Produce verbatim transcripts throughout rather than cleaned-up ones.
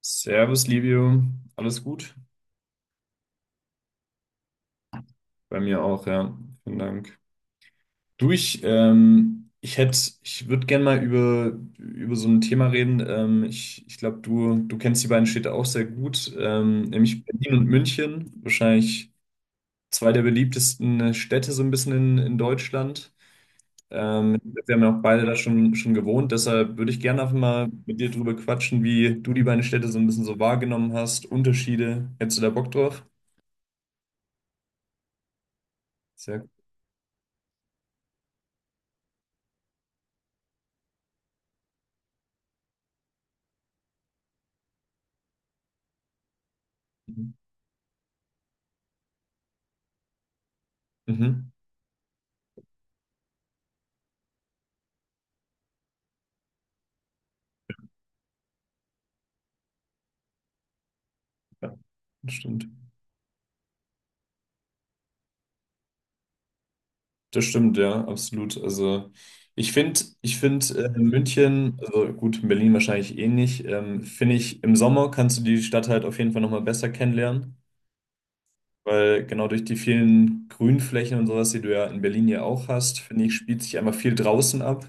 Servus, Livio. Alles gut? Bei mir auch, ja. Vielen Dank. Du, ich, ähm, ich hätte, ich würde gerne mal über, über so ein Thema reden. Ähm, ich ich glaube, du, du kennst die beiden Städte auch sehr gut, ähm, nämlich Berlin und München. Wahrscheinlich zwei der beliebtesten äh, Städte so ein bisschen in, in Deutschland. Ähm, wir haben ja auch beide da schon, schon gewohnt. Deshalb würde ich gerne einfach mal mit dir drüber quatschen, wie du die beiden Städte so ein bisschen so wahrgenommen hast. Unterschiede. Hättest du da Bock drauf? Sehr gut. Mhm. Ja, das stimmt. Das stimmt, ja, absolut. Also ich finde, ich finde äh, München, also gut, Berlin wahrscheinlich ähnlich, ähm, finde ich, im Sommer kannst du die Stadt halt auf jeden Fall nochmal besser kennenlernen, weil genau durch die vielen Grünflächen und sowas, die du ja in Berlin ja auch hast, finde ich, spielt sich einfach viel draußen ab.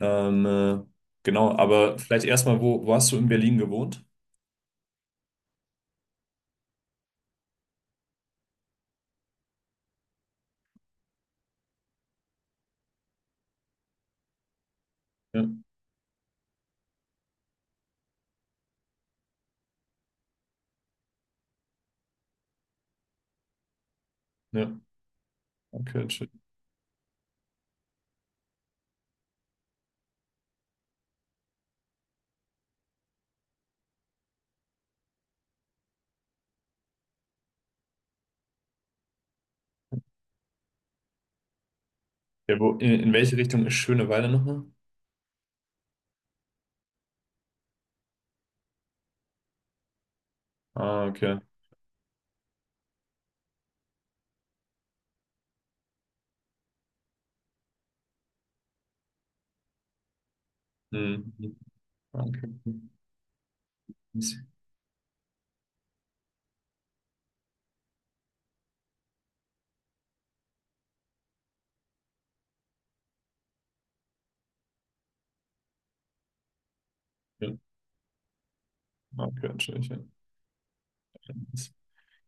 Ähm, äh, genau, aber vielleicht erstmal, wo, wo hast du in Berlin gewohnt? Ja, ja, okay, schön. Ja, wo, in, in welche Richtung ist Schöneweide nochmal? Ah, okay. Hm, hm, okay. Ja, okay, natürlich. Ja,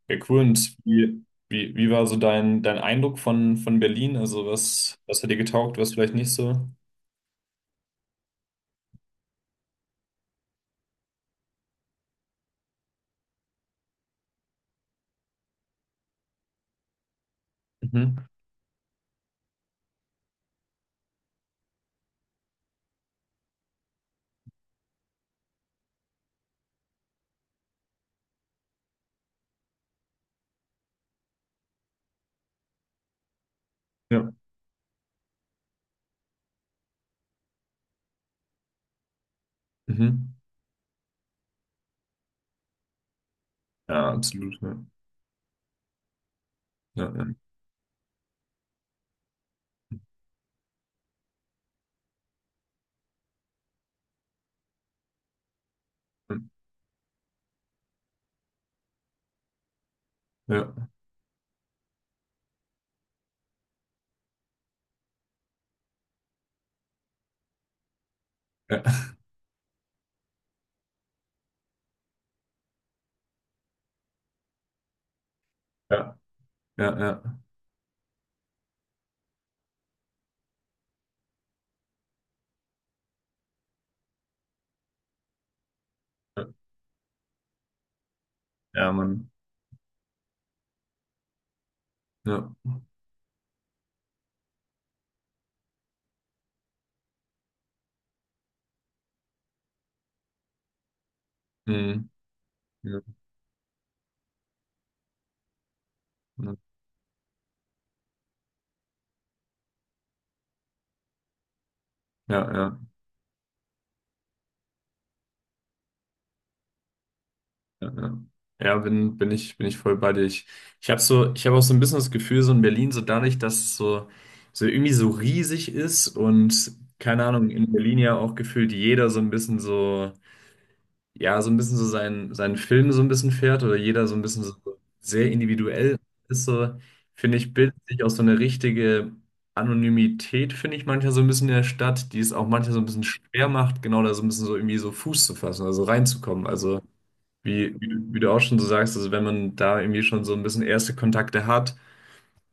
ja, cool. Und wie, wie, wie war so dein, dein Eindruck von, von Berlin? Also was, was hat dir getaugt, was vielleicht nicht so? Mhm. Ja. Mhm. Ja, absolut. Ja, ja, ja, ja, ja, ja, ja, ja, ja, ja, Mann. Ja. Mhm. Ja, ja, ja. Ja, ja, ja, bin, bin ich, bin ich voll bei dir. Ich, ich habe so, ich habe auch so ein bisschen das Gefühl, so in Berlin, so dadurch, dass es so, so irgendwie so riesig ist und keine Ahnung, in Berlin ja auch gefühlt jeder so ein bisschen so, ja, so ein bisschen so seinen, seinen Film so ein bisschen fährt oder jeder so ein bisschen so sehr individuell ist, so, finde ich, bildet sich auch so eine richtige Anonymität, finde ich manchmal so ein bisschen in der Stadt, die es auch manchmal so ein bisschen schwer macht, genau da so ein bisschen so irgendwie so Fuß zu fassen, also reinzukommen. Also, wie, wie, du- wie du auch schon so sagst, also wenn man da irgendwie schon so ein bisschen erste Kontakte hat,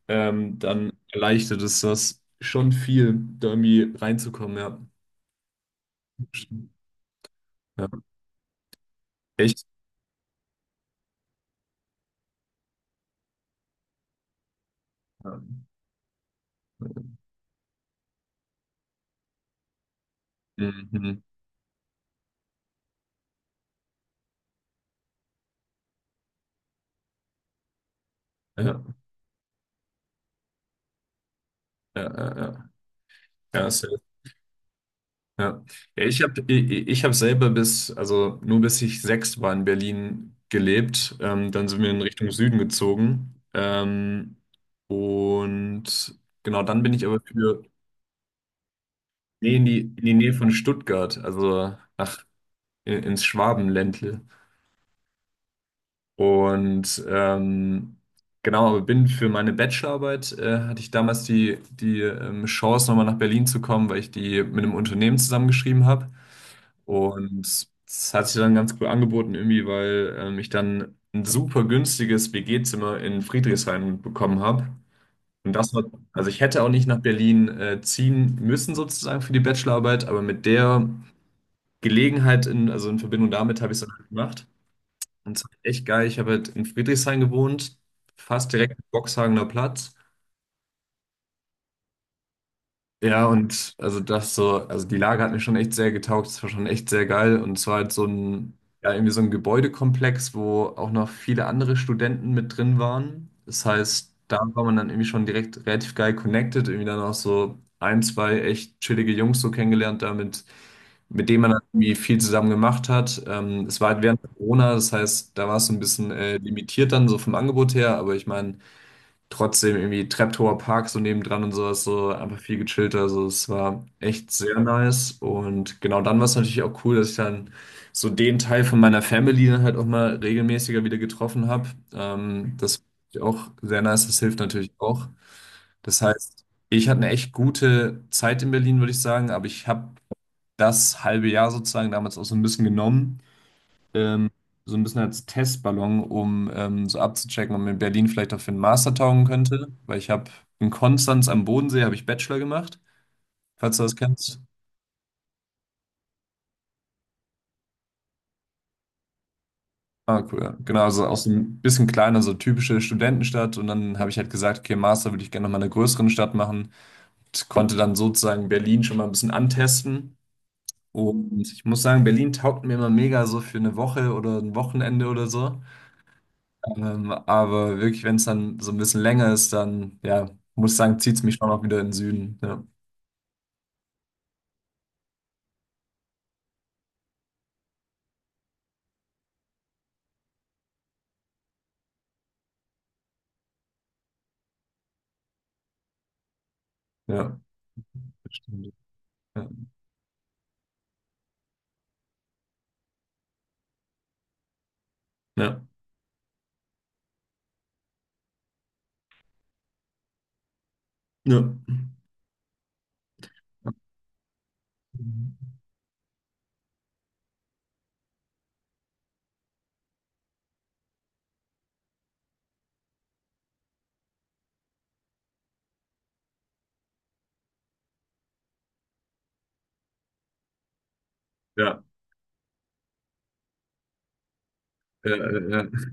ähm, dann erleichtert es das schon viel, da irgendwie reinzukommen, ja. Ja, echt. Ja. Mhm. Ja, ja, ja, ja. Ja, safe. Ja. Ja, ja, ich habe ich, ich hab selber bis, also nur bis ich sechs war in Berlin gelebt. Ähm, dann sind wir in Richtung Süden gezogen. Ähm, und genau, dann bin ich aber für, nee, in die, in die Nähe von Stuttgart, also nach, in, ins Schwabenländle. Und ähm, genau, aber bin für meine Bachelorarbeit, äh, hatte ich damals die, die ähm, Chance, nochmal nach Berlin zu kommen, weil ich die mit einem Unternehmen zusammengeschrieben habe. Und das hat sich dann ganz cool angeboten, irgendwie, weil ähm, ich dann ein super günstiges W G-Zimmer in Friedrichshain bekommen habe. Und das war, also ich hätte auch nicht nach Berlin äh, ziehen müssen, sozusagen für die Bachelorarbeit, aber mit der Gelegenheit, in, also in Verbindung damit habe ich es dann halt gemacht. Und es war echt geil. Ich habe halt in Friedrichshain gewohnt, fast direkt am Boxhagener Platz. Ja, und also das so, also die Lage hat mir schon echt sehr getaugt. Es war schon echt sehr geil. Und es war halt so ein, ja, irgendwie so ein Gebäudekomplex, wo auch noch viele andere Studenten mit drin waren. Das heißt, da war man dann irgendwie schon direkt relativ geil connected. Irgendwie dann auch so ein, zwei echt chillige Jungs so kennengelernt damit mit dem man dann irgendwie viel zusammen gemacht hat. Ähm, es war halt während Corona, das heißt, da war es so ein bisschen äh, limitiert dann so vom Angebot her, aber ich meine, trotzdem irgendwie Treptower Park so nebendran und sowas, so einfach viel gechillter. Also es war echt sehr nice. Und genau dann war es natürlich auch cool, dass ich dann so den Teil von meiner Family dann halt auch mal regelmäßiger wieder getroffen habe. Ähm, das fand ich auch sehr nice, das hilft natürlich auch. Das heißt, ich hatte eine echt gute Zeit in Berlin, würde ich sagen, aber ich habe das halbe Jahr sozusagen damals auch so ein bisschen genommen, ähm, so ein bisschen als Testballon, um ähm, so abzuchecken, ob mir Berlin vielleicht auch für einen Master taugen könnte, weil ich habe in Konstanz am Bodensee habe ich Bachelor gemacht, falls du das kennst. Ah, cool, ja. Genau, also auch so ein bisschen kleiner, so typische Studentenstadt. Und dann habe ich halt gesagt, okay, Master würde ich gerne noch mal in einer größeren Stadt machen. Und konnte dann sozusagen Berlin schon mal ein bisschen antesten. Und ich muss sagen, Berlin taugt mir immer mega so für eine Woche oder ein Wochenende oder so. Ähm, aber wirklich, wenn es dann so ein bisschen länger ist, dann, ja, muss ich sagen, zieht es mich schon auch wieder in den Süden. Ja, ja, das stimmt. Ja, ja, ja, ja, ja, ja, ja,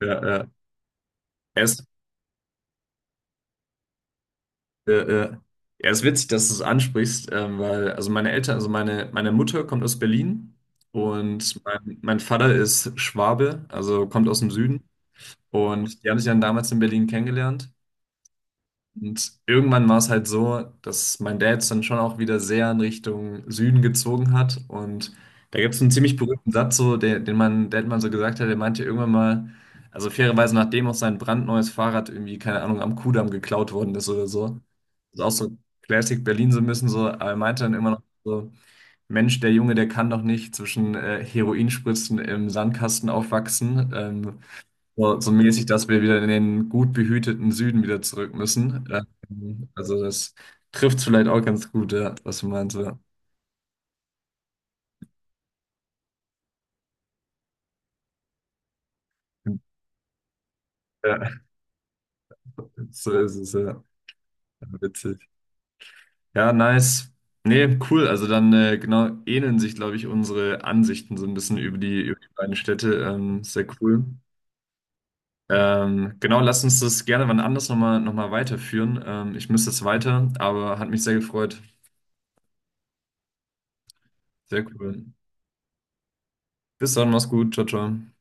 ja, ja, ja, es, äh, äh, ja, es ist witzig, dass du es ansprichst, ähm, weil, also meine Eltern, also meine, meine Mutter kommt aus Berlin und mein, mein Vater ist Schwabe, also kommt aus dem Süden und die haben sich dann damals in Berlin kennengelernt. Und irgendwann war es halt so, dass mein Dad es dann schon auch wieder sehr in Richtung Süden gezogen hat. Und da gibt es einen ziemlich berühmten Satz, so, der, den mein Dad mal so gesagt hat. Der meinte irgendwann mal, also fairerweise, nachdem auch sein brandneues Fahrrad irgendwie, keine Ahnung, am Kudamm geklaut worden ist oder so. Ist auch so Classic Berlin so ein bisschen so. Aber er meinte dann immer noch so, Mensch, der Junge, der kann doch nicht zwischen äh, Heroinspritzen im Sandkasten aufwachsen. Ähm, so, so mäßig, dass wir wieder in den gut behüteten Süden wieder zurück müssen. Ähm, also das trifft vielleicht auch ganz gut, ja, was du meinst. Ja. Ja, so ist es, ja. Witzig. Ja, nice. Nee, cool. Also dann äh, genau ähneln sich, glaube ich, unsere Ansichten so ein bisschen über die, über die beiden Städte. Ähm, sehr cool. Ähm, genau, lass uns das gerne wann anders nochmal noch mal noch mal weiterführen. Ähm, ich müsste jetzt weiter, aber hat mich sehr gefreut. Sehr cool. Bis dann, mach's gut. Ciao, ciao.